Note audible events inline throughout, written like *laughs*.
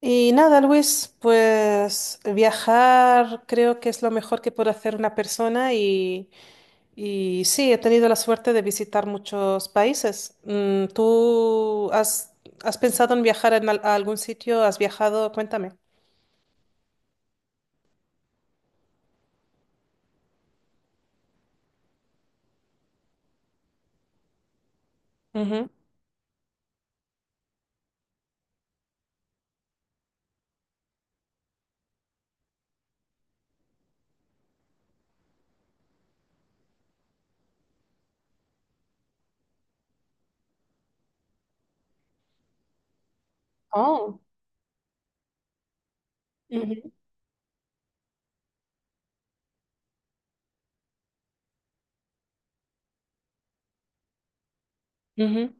Y nada, Luis, pues viajar creo que es lo mejor que puede hacer una persona y sí, he tenido la suerte de visitar muchos países. ¿Tú has pensado en viajar a algún sitio? ¿Has viajado? Cuéntame. Ujú. Oh. Ujú. Ujú.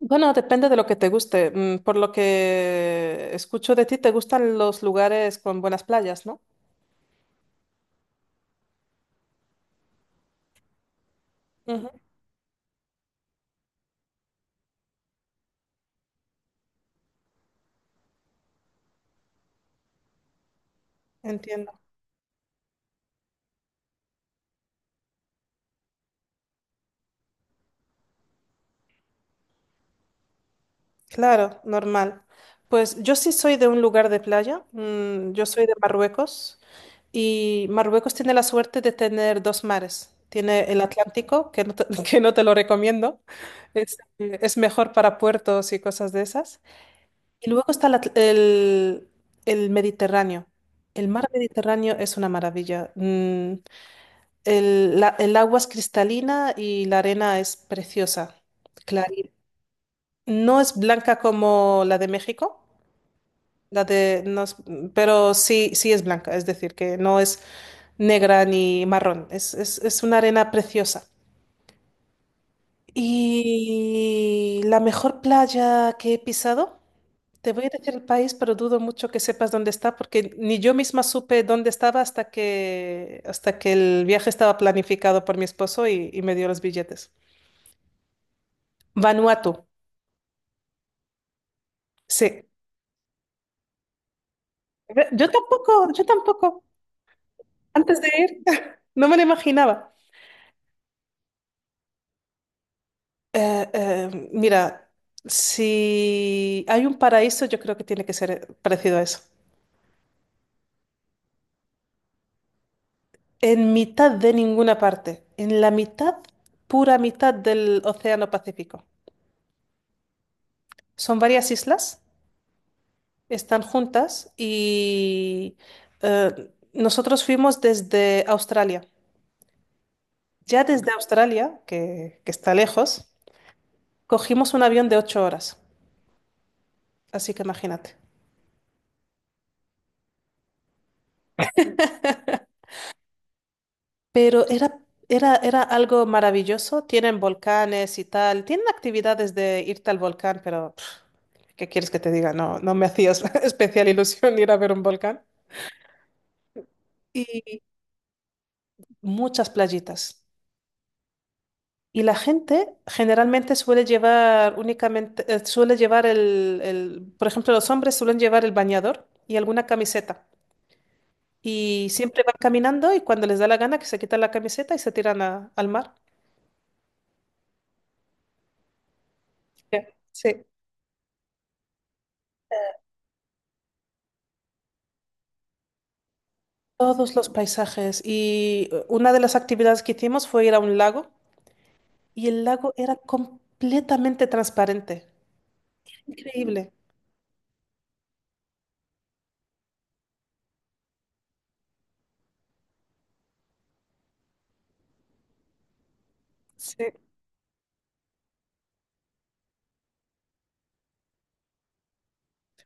Bueno, depende de lo que te guste. Por lo que escucho de ti, te gustan los lugares con buenas playas, ¿no? Ujú. Entiendo. Claro, normal. Pues yo sí soy de un lugar de playa, yo soy de Marruecos y Marruecos tiene la suerte de tener dos mares. Tiene el Atlántico, que no *laughs* que no te lo recomiendo, es mejor para puertos y cosas de esas. Y luego está el el Mediterráneo. El mar Mediterráneo es una maravilla. El agua es cristalina y la arena es preciosa, clarita. No es blanca como la de México la de, no es- pero sí, sí es blanca, es decir, que no es negra ni marrón, es una arena preciosa. Y la mejor playa que he pisado, te voy a decir el país, pero dudo mucho que sepas dónde está, porque ni yo misma supe dónde estaba hasta que el viaje estaba planificado por mi esposo y me dio los billetes. Vanuatu, sí. Yo tampoco, antes de ir, *laughs* no me lo imaginaba. Mira, si hay un paraíso, yo creo que tiene que ser parecido a eso. En mitad de ninguna parte, en la mitad, pura mitad del Océano Pacífico. Son varias islas, están juntas y eh, nosotros fuimos desde Australia. Ya desde Australia, que está lejos, cogimos un avión de ocho horas. Así que imagínate. Pero era algo maravilloso. Tienen volcanes y tal. Tienen actividades de irte al volcán, pero pff, ¿qué quieres que te diga? No, no me hacías *laughs* especial ilusión ir a ver un volcán. Y muchas playitas. Y la gente generalmente suele llevar únicamente, suele llevar por ejemplo, los hombres suelen llevar el bañador y alguna camiseta. Y siempre van caminando y cuando les da la gana que se quitan la camiseta y se tiran al mar. Ya. Sí. Todos los paisajes. Y una de las actividades que hicimos fue ir a un lago y el lago era completamente transparente. Increíble. Sí,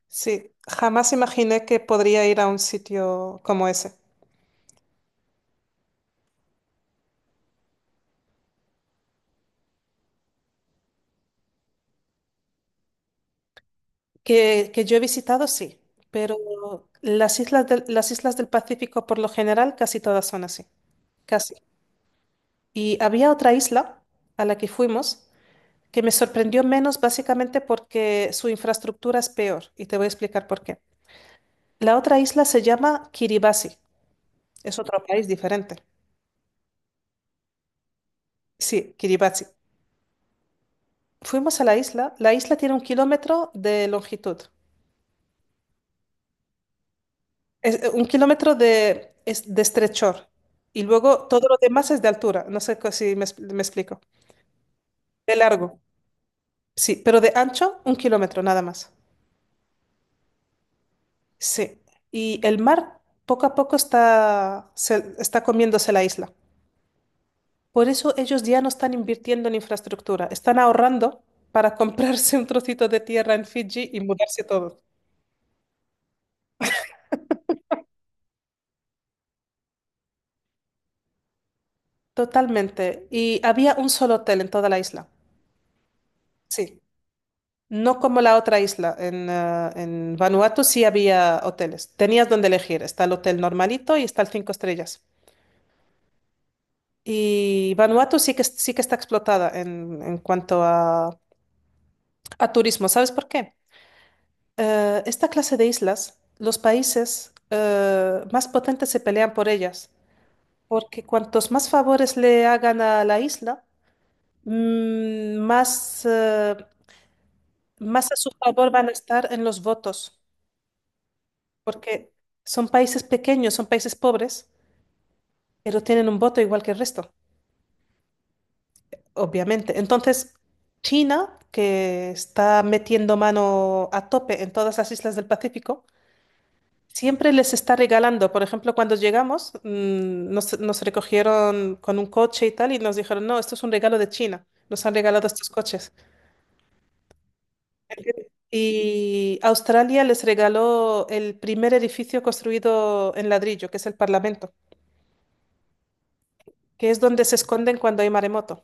sí. Jamás imaginé que podría ir a un sitio como ese. Que yo he visitado, sí, pero las islas del Pacífico por lo general casi todas son así. Casi. Y había otra isla a la que fuimos que me sorprendió menos básicamente porque su infraestructura es peor y te voy a explicar por qué. La otra isla se llama Kiribati. Es otro país diferente. Sí, Kiribati. Fuimos a la isla. La isla tiene un kilómetro de longitud. Un kilómetro de estrechor. Y luego todo lo demás es de altura. No sé si me explico. De largo. Sí, pero de ancho, un kilómetro nada más. Sí. Y el mar poco a poco está comiéndose la isla. Por eso ellos ya no están invirtiendo en infraestructura, están ahorrando para *laughs* comprarse un trocito de tierra en Fiji y mudarse todo. Totalmente. Y había un solo hotel en toda la isla. Sí. No como la otra isla. En Vanuatu sí había hoteles. Tenías donde elegir. Está el hotel normalito y está el cinco estrellas. Y Vanuatu sí sí que está explotada en cuanto a turismo. ¿Sabes por qué? Esta clase de islas, los países más potentes se pelean por ellas, porque cuantos más favores le hagan a la isla, mm, más, eh, más a su favor van a estar en los votos, porque son países pequeños, son países pobres, pero tienen un voto igual que el resto, obviamente. Entonces, China, que está metiendo mano a tope en todas las islas del Pacífico, siempre les está regalando. Por ejemplo, cuando llegamos, nos recogieron con un coche y tal, y nos dijeron, no, esto es un regalo de China. Nos han regalado estos coches. Y Australia les regaló el primer edificio construido en ladrillo, que es el Parlamento, que es donde se esconden cuando hay maremoto.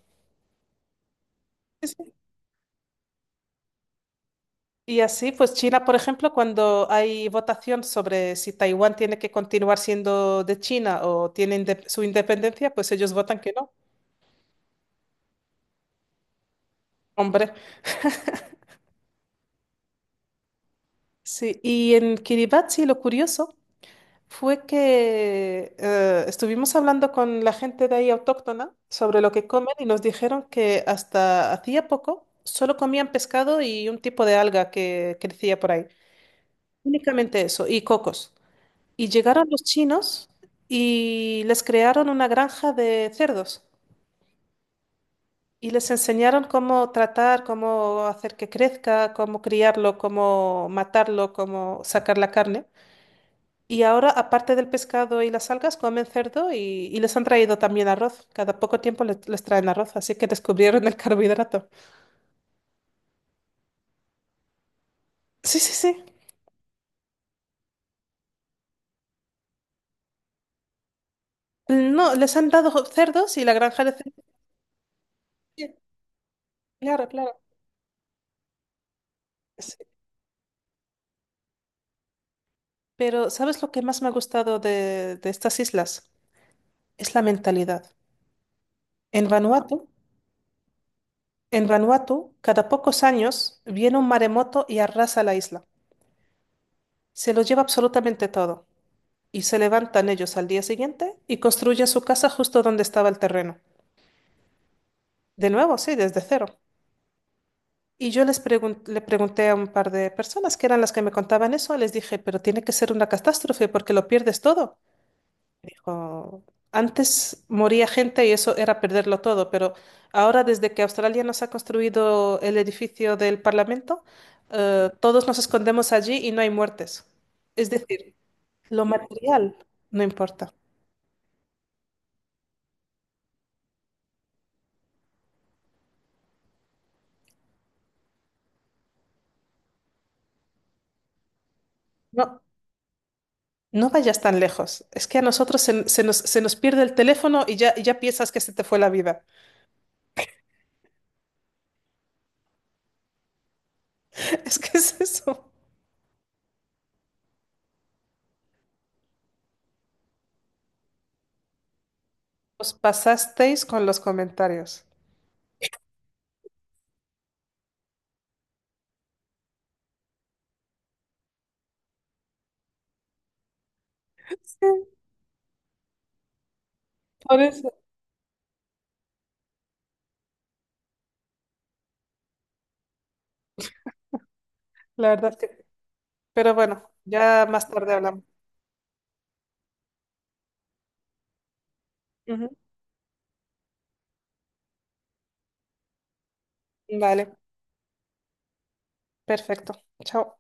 Sí, sí. Y así, pues China, por ejemplo, cuando hay votación sobre si Taiwán tiene que continuar siendo de China o tiene su independencia, pues ellos votan que no. Hombre. Sí, y en Kiribati lo curioso fue que estuvimos hablando con la gente de ahí autóctona sobre lo que comen y nos dijeron que hasta hacía poco solo comían pescado y un tipo de alga que crecía por ahí. Únicamente eso, y cocos. Y llegaron los chinos y les crearon una granja de cerdos y les enseñaron cómo tratar, cómo hacer que crezca, cómo criarlo, cómo matarlo, cómo sacar la carne. Y ahora, aparte del pescado y las algas, comen cerdo y les han traído también arroz. Cada poco tiempo les traen arroz, así que descubrieron el *laughs* carbohidrato. Sí, sí, sí. No, les han dado cerdos y la granja de cerdos. Sí, claro, claro. Sí. Pero ¿sabes lo que más me ha gustado de estas islas? Es la mentalidad. En Vanuatu, en Vanuatu, cada pocos años viene un maremoto y arrasa la isla. Se lo lleva absolutamente todo. Y se levantan ellos al día siguiente y construyen su casa justo donde estaba el terreno. De nuevo, sí, desde cero. Y yo les le pregunté a un par de personas que eran las que me contaban eso, les dije, pero tiene que ser una catástrofe porque lo pierdes todo. Dijo, antes moría gente y eso era perderlo todo, pero ahora desde que Australia nos ha construido el edificio del Parlamento, todos nos escondemos allí y no hay muertes. Es decir, lo material no importa. No, no vayas tan lejos. Es que a nosotros se nos pierde el teléfono y ya piensas que se te fue la vida. *laughs* Es que es eso. Os pasasteis con los comentarios. Sí, por eso, la verdad que... Pero bueno, ya más tarde hablamos. Ujú. Vale, perfecto. Chao.